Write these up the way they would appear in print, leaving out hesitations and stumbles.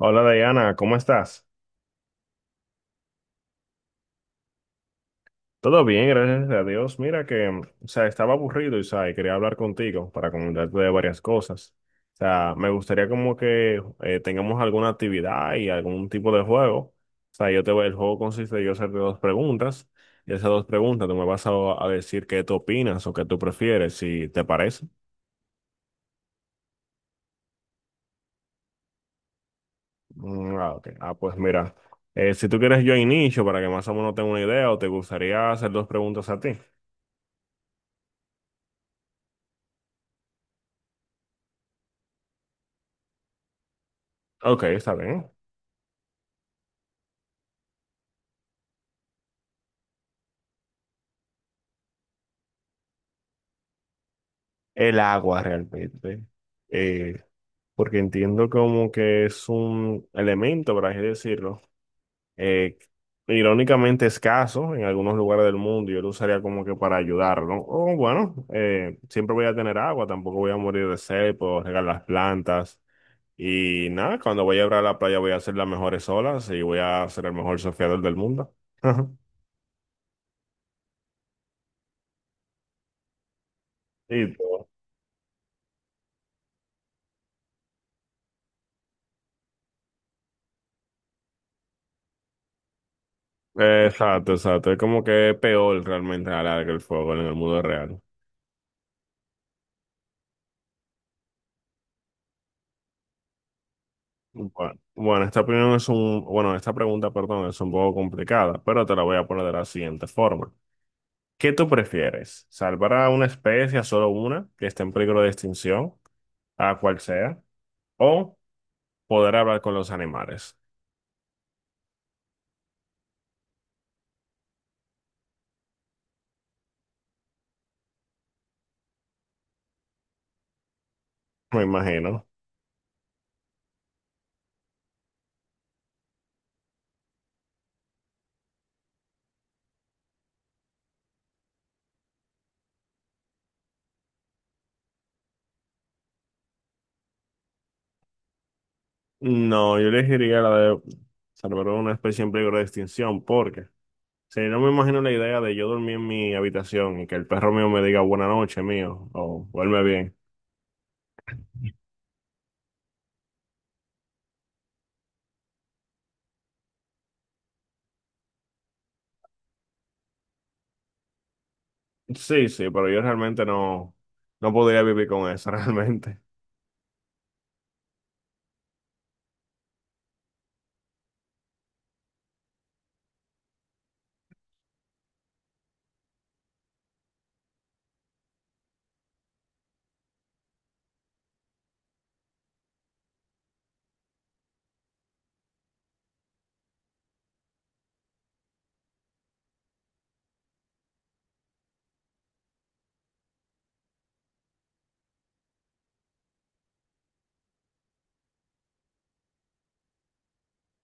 Hola Diana, ¿cómo estás? Todo bien, gracias a Dios. Mira que, estaba aburrido y quería hablar contigo para comentarte de varias cosas. O sea, me gustaría como que tengamos alguna actividad y algún tipo de juego. O sea, el juego consiste en yo hacerte dos preguntas y esas dos preguntas tú me vas a decir qué tú opinas o qué tú prefieres, si te parece. Mm, ah, ok. Ah, pues mira, si tú quieres yo inicio para que más o menos tenga una idea o te gustaría hacer dos preguntas a ti. Ok, está bien. El agua realmente, eh, porque entiendo como que es un elemento, por así decirlo, eh, irónicamente escaso en algunos lugares del mundo, yo lo usaría como que para ayudarlo, ¿no? O bueno, siempre voy a tener agua, tampoco voy a morir de sed, puedo regar las plantas. Y nada, cuando voy a ir a la playa voy a hacer las mejores olas y voy a ser el mejor surfeador del mundo. Y todo. Exacto, exacto. Es como que es peor realmente a la larga el fuego en el mundo real. Bueno, esta pregunta, perdón, es un poco complicada, pero te la voy a poner de la siguiente forma. ¿Qué tú prefieres? ¿Salvar a una especie, a solo una, que esté en peligro de extinción, a cual sea, o poder hablar con los animales? Me imagino. No, yo elegiría la de salvar a una especie en peligro de extinción, porque si no me imagino la idea de yo dormir en mi habitación y que el perro mío me diga buena noche, mío, o duerme bien. Sí, pero yo realmente no podría vivir con eso, realmente.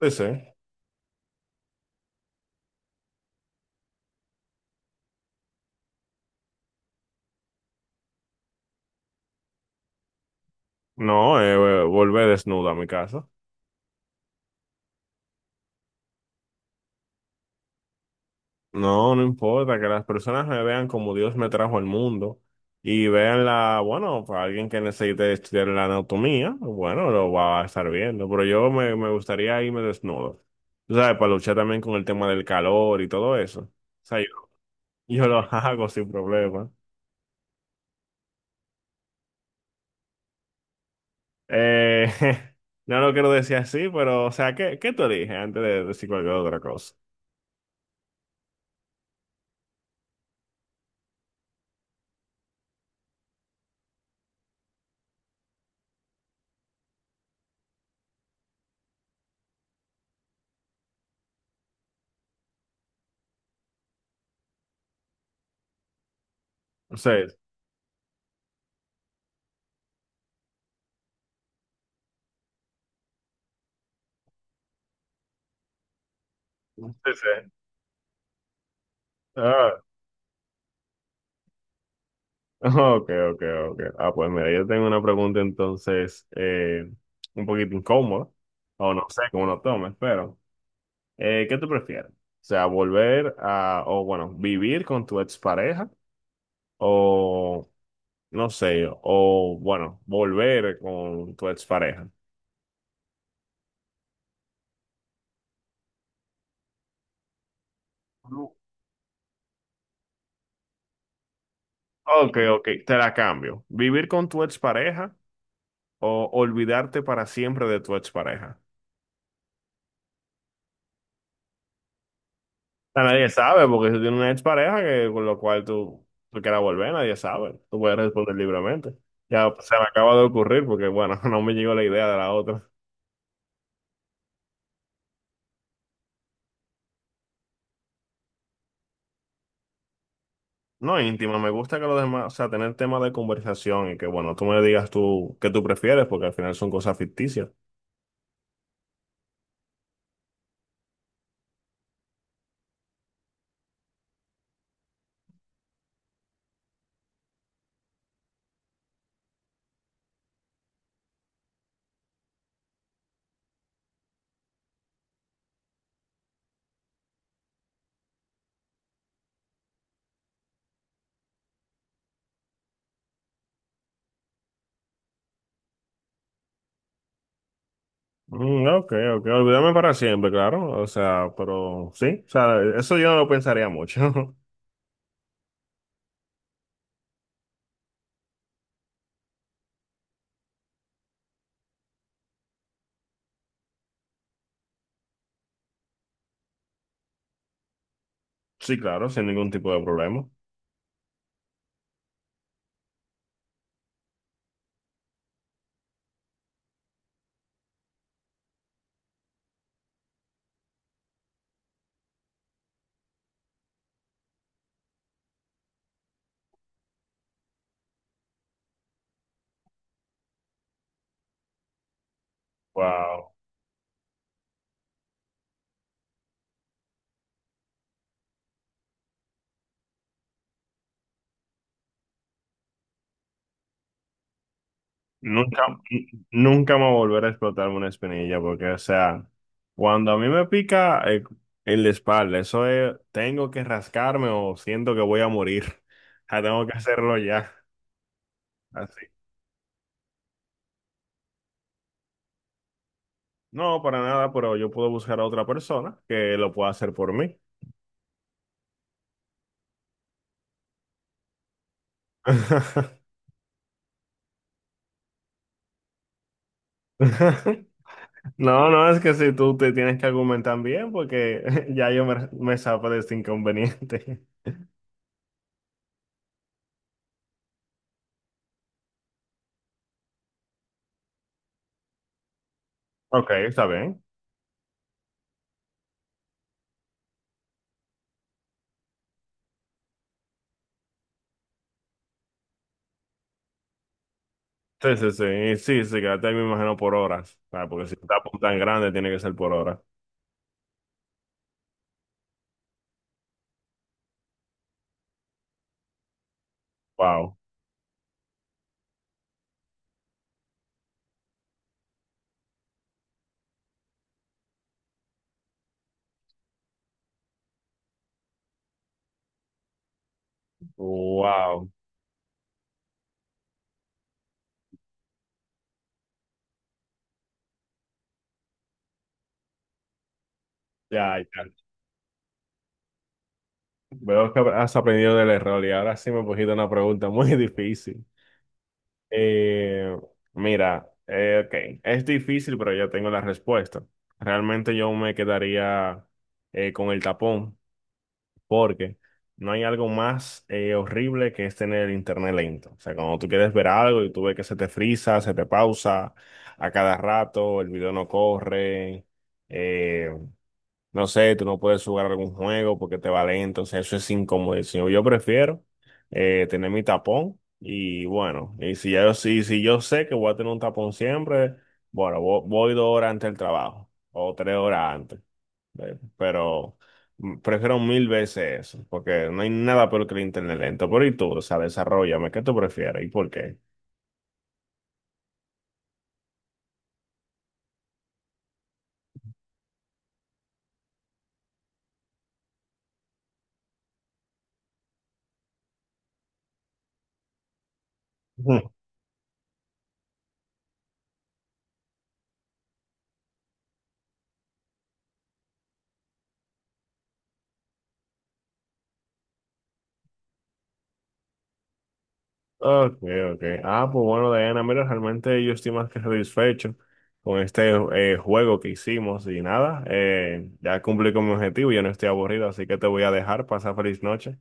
Sí, sí. No, volver desnudo a mi casa. No, no importa que las personas me vean como Dios me trajo al mundo y vean la, bueno, para alguien que necesite estudiar la anatomía, bueno, lo va a estar viendo, pero me gustaría irme desnudo. Tú sabes, para luchar también con el tema del calor y todo eso. O sea, yo lo hago sin problema. Eh, no lo quiero decir así, pero, o sea, ¿qué tú eliges antes de decir cualquier otra cosa? Sí, sí, sí. Ah, ok, ok, ok. Ah, pues mira, yo tengo una pregunta entonces un poquito incómoda, o no sé cómo lo tomes, pero ¿qué tú prefieres? O sea, volver a, o bueno, vivir con tu expareja, o no sé, o bueno, volver con tu expareja. No. Ok, te la cambio. Vivir con tu expareja o olvidarte para siempre de tu expareja. O sea, nadie sabe, porque si tú tienes una expareja con lo cual tú quieras volver, nadie sabe. Tú puedes responder libremente. Ya pues, se me acaba de ocurrir porque, bueno, no me llegó la idea de la otra. No, íntima, me gusta que los demás, o sea, tener temas de conversación y que, bueno, tú me digas tú qué tú prefieres, porque al final son cosas ficticias. Mm, ok, olvídame para siempre, claro. O sea, pero sí, o sea, eso yo no lo pensaría mucho. Sí, claro, sin ningún tipo de problema. Wow. Nunca, nunca me va a volver a explotarme una espinilla, porque, o sea, cuando a mí me pica el de espalda, eso es, tengo que rascarme o siento que voy a morir. Ya tengo que hacerlo ya, así. No, para nada, pero yo puedo buscar a otra persona que lo pueda hacer por mí. No, no, es que si tú te tienes que argumentar bien, porque ya me salgo de este inconveniente. Ok, está bien. Sí, sí, sí, y sí, sí, quédate ahí me imagino por horas, ¿sabes? Porque si está tan grande tiene que ser por horas. Wow, wow, ya, ya. Veo que has aprendido del error y ahora sí me pusiste una pregunta muy difícil. Eh, mira, ok, es difícil, pero ya tengo la respuesta. Realmente yo me quedaría con el tapón. Porque no hay algo más horrible que es tener el internet lento. O sea, cuando tú quieres ver algo y tú ves que se te frisa, se te pausa a cada rato, el video no corre. eh, no sé, tú no puedes jugar algún juego porque te va lento, o sea, eso es incómodo. Yo prefiero tener mi tapón y bueno, y si ya yo, si yo sé que voy a tener un tapón siempre, bueno, voy, 2 horas antes del trabajo o 3 horas antes, ¿ves? Pero prefiero mil veces eso porque no hay nada peor que el internet lento. Pero y tú, o sea, desarrollame, ¿qué tú prefieres y por qué? Ok, ok. Ah, pues bueno, Diana, mira, realmente yo estoy más que satisfecho con este juego que hicimos y nada, ya cumplí con mi objetivo, yo no estoy aburrido, así que te voy a dejar, pasa feliz noche.